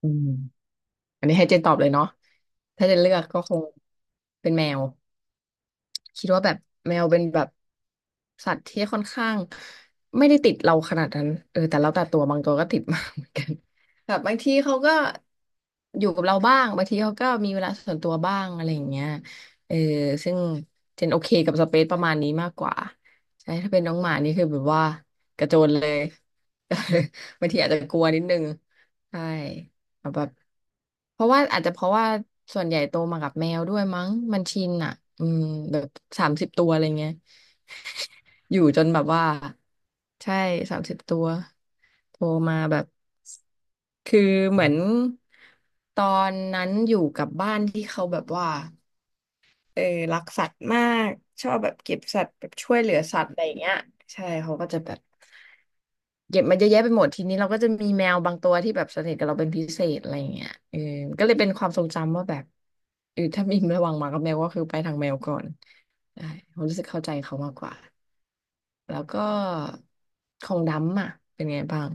อืมอันนี้ให้เจนตอบเลยเนาะถ้าเจนเลือกก็คงเป็นแมวคิดว่าแบบแมวเป็นแบบสัตว์ที่ค่อนข้างไม่ได้ติดเราขนาดนั้นเออแต่แล้วแต่ตัวบางตัวก็ติดมากเหมือนกันแบบบางทีเขาก็อยู่กับเราบ้างบางทีเขาก็มีเวลาส่วนตัวบ้างอะไรอย่างเงี้ยเออซึ่งเจนโอเคกับสเปซประมาณนี้มากกว่าใช่ถ้าเป็นน้องหมานี่คือแบบว่ากระโจนเลย บางทีอาจจะกลัวนิดนึงใช่ แบบเพราะว่าอาจจะเพราะว่าส่วนใหญ่โตมากับแมวด้วยมั้งมันชินอ่ะอืมแบบสามสิบตัวอะไรเงี้ยอยู่จนแบบว่าใช่สามสิบตัวโตมาแบบคือเหมือนตอนนั้นอยู่กับบ้านที่เขาแบบว่า เออรักสัตว์มากชอบแบบเก็บสัตว์แบบช่วยเหลือสัตว์อะไรอย่างเงี้ยใช่เขาก็จะแบบเก็บมาเยอะแยะไปหมดทีนี้เราก็จะมีแมวบางตัวที่แบบสนิทกับเราเป็นพิเศษอะไรอย่างเงี้ยเออก็เลยเป็นความทรงจำว่าแบบเออถ้ามีระหว่างหมากับแมวก็คือไปทางแมวก่อนใช่ผมรู้สึกเข้าใจเขามากกว่าแล้วก็ของดำอ่ะเป็นไงบ้าง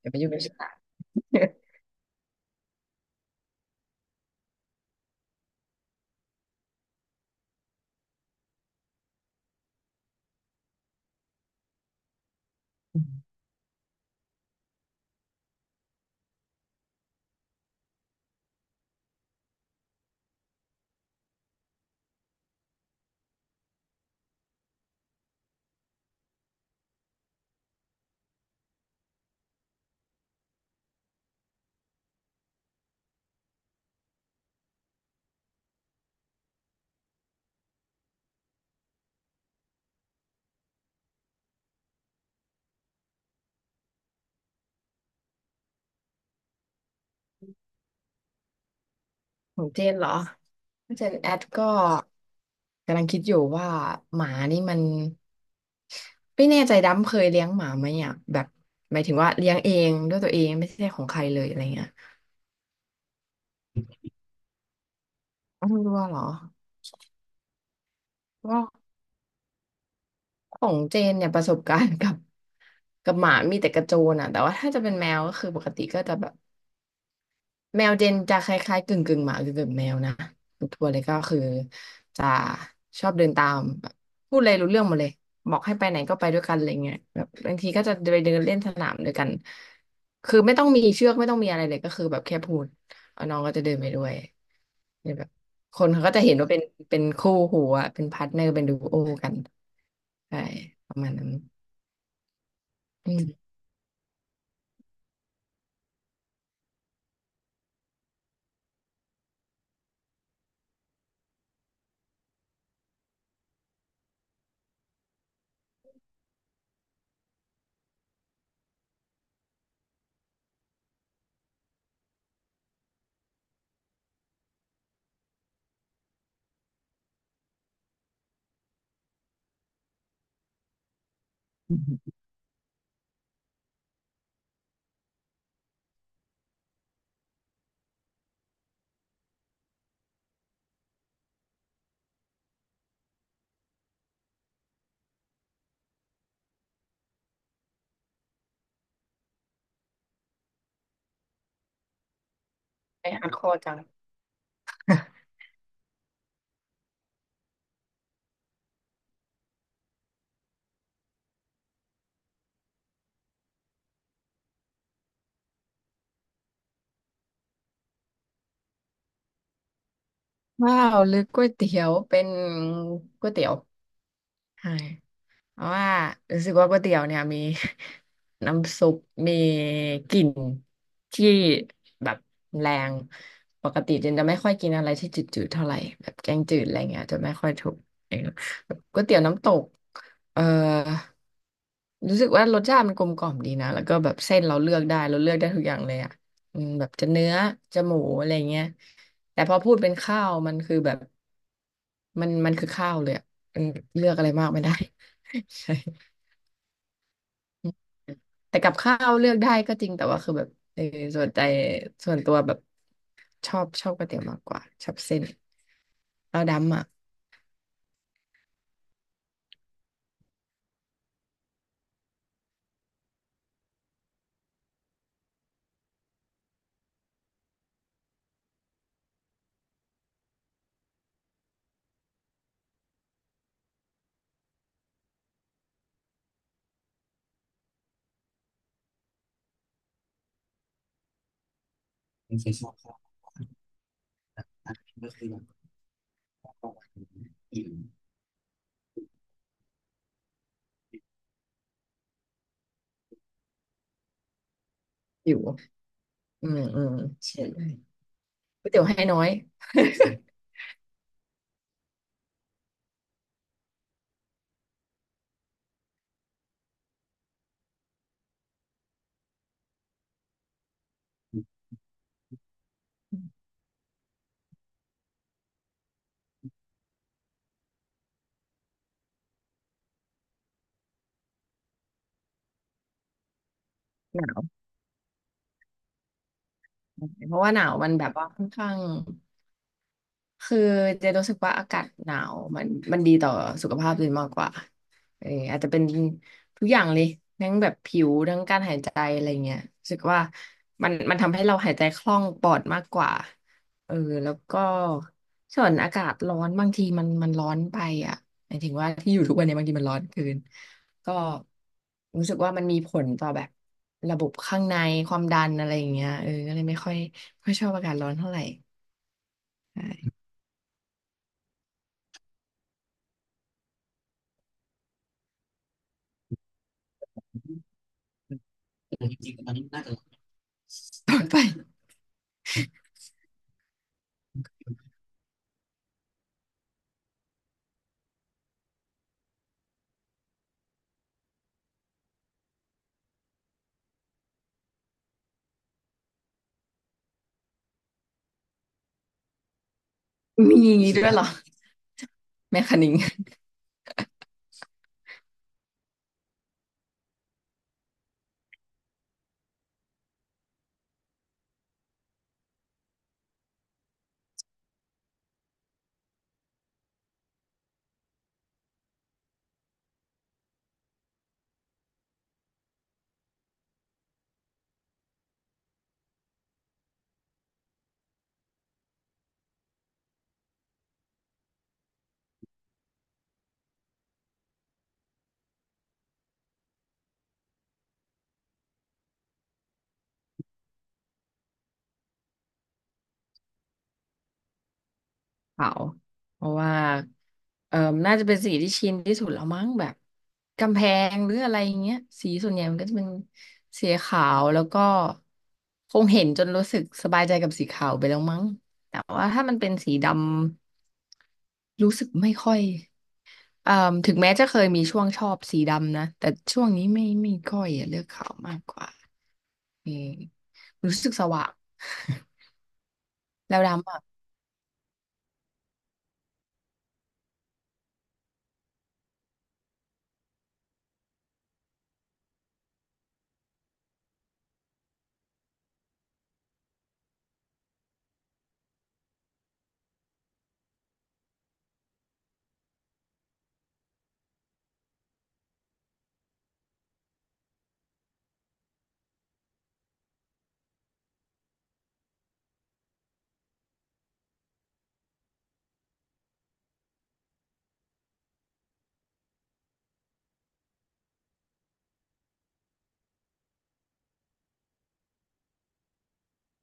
อย่าไปยุ่งกับฉัน ของเจนเหรอเจนแอดก็กำลังคิดอยู่ว่าหมานี่มันไม่แน่ใจดำเคยเลี้ยงหมาไหมอ่ะแบบหมายถึงว่าเลี้ยงเองด้วยตัวเองไม่ใช่ของใครเลยอะไรเงี้ยอ้าวไม่รู้ว่าเหรอว่าของเจนเนี่ยประสบการณ์กับกับหมามีแต่กระโจนอ่ะแต่ว่าถ้าจะเป็นแมวก็คือปกติก็จะแบบ แมวเจนจะคล้ายๆกึ่งกึ่งหมากึ่งกึ่งแมวนะทัวร์เลยก็คือจะชอบเดินตามแบบพูดอะไรรู้เรื่องหมดเลยบอกให้ไปไหนก็ไปด้วยกันอะไรเงี้ยแบบบางทีก็จะไปเดินเล่นสนามด้วยกันคือไม่ต้องมีเชือกไม่ต้องมีอะไรเลยก็คือแบบแค่พูดเอาน้องก็จะเดินไปด้วยเนี่ยแบบคนเขาก็จะเห็นว่าเป็นเป็นคู่หูอะเป็นพาร์ทเนอร์เป็นดูโอกันใช่ประมาณนั้นอืม ไปหาคอจังว้าวหรือก๋วยเตี๋ยวเป็นก๋วยเตี๋ยวใช่ เพราะว่ารู้สึกว่าก๋วยเตี๋ยวเนี่ยมี น้ำซุปมีกลิ่นที่แบบแรงปกติจินจะไม่ค่อยกินอะไรที่จืดๆเท่าไหร่แบบแกงจืดอะไรเงี้ยจะไม่ค่อยถูกเองแบบก๋วยเตี๋ยวน้ำตกเอ่อรู้สึกว่ารสชาติมันกลมกล่อมดีนะแล้วก็แบบเส้นเราเลือกได้เราเลือกได้ทุกอย่างเลยอ่ะอืมแบบจะเนื้อจะหมูอะไรเงี้ยแต่พอพูดเป็นข้าวมันคือแบบมันมันคือข้าวเลยอะมันเลือกอะไรมากไม่ได้ ใช่แต่กับข้าวเลือกได้ก็จริงแต่ว่าคือแบบเออส่วนใจส่วนตัวแบบชอบชอบก๋วยเตี๋ยวมากกว่าชอบเส้นเราดำอ่ะอยู่อืมอืมก๋วยเตี๋ยวให้น้อยหนาวเพราะว่าหนาวมันแบบว่าค่อนข้าง คือเจะรู้สึกว่าอากาศหนาวมันมันดีต่อสุขภาพเลยมากกว่าเอออาจจะเป็นทุกอย่างเลยทั้งแบบผิวทั้งการหายใจอะไรเงี้ยรู้สึกว่ามันมันทำให้เราหายใจคล่องปลอดมากกว่าเออแล้วก็ส่วนอากาศร้อนบางทีมันมันร้อนไปอ่ะหมายถึงว่าที่อยู่ทุกวันเนี้บางทีมันร้อนเกินก็รู้สึกว่ามันมีผลต่อแบบระบบข้างในความดันอะไรอย่างเงี้ยเออก็เลยไม่ค่อยไม่ค่อยชอบอากาศร้อนเท่าไหร่ใช่ ต่อไป มีด้วยเหรอแมคคานิงเปลาเพราะว่าเอ่อน่าจะเป็นสีที่ชินที่สุดแล้วมั้งแบบกำแพงหรืออะไรอย่างเงี้ยสีส่วนใหญ่มันก็จะเป็นสีขาวแล้วก็คงเห็นจนรู้สึกสบายใจกับสีขาวไปแล้วมั้งแต่ว่าถ้ามันเป็นสีดำรู้สึกไม่ค่อยเอ่อถึงแม้จะเคยมีช่วงชอบสีดำนะแต่ช่วงนี้ไม่ไม่ค่อยอะเลือกขาวมากกว่าเออรู้สึกสว่าง แล้วดำอ่ะ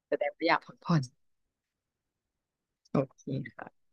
แสดงว่าอยากพักผ่อนโอเคค่ะ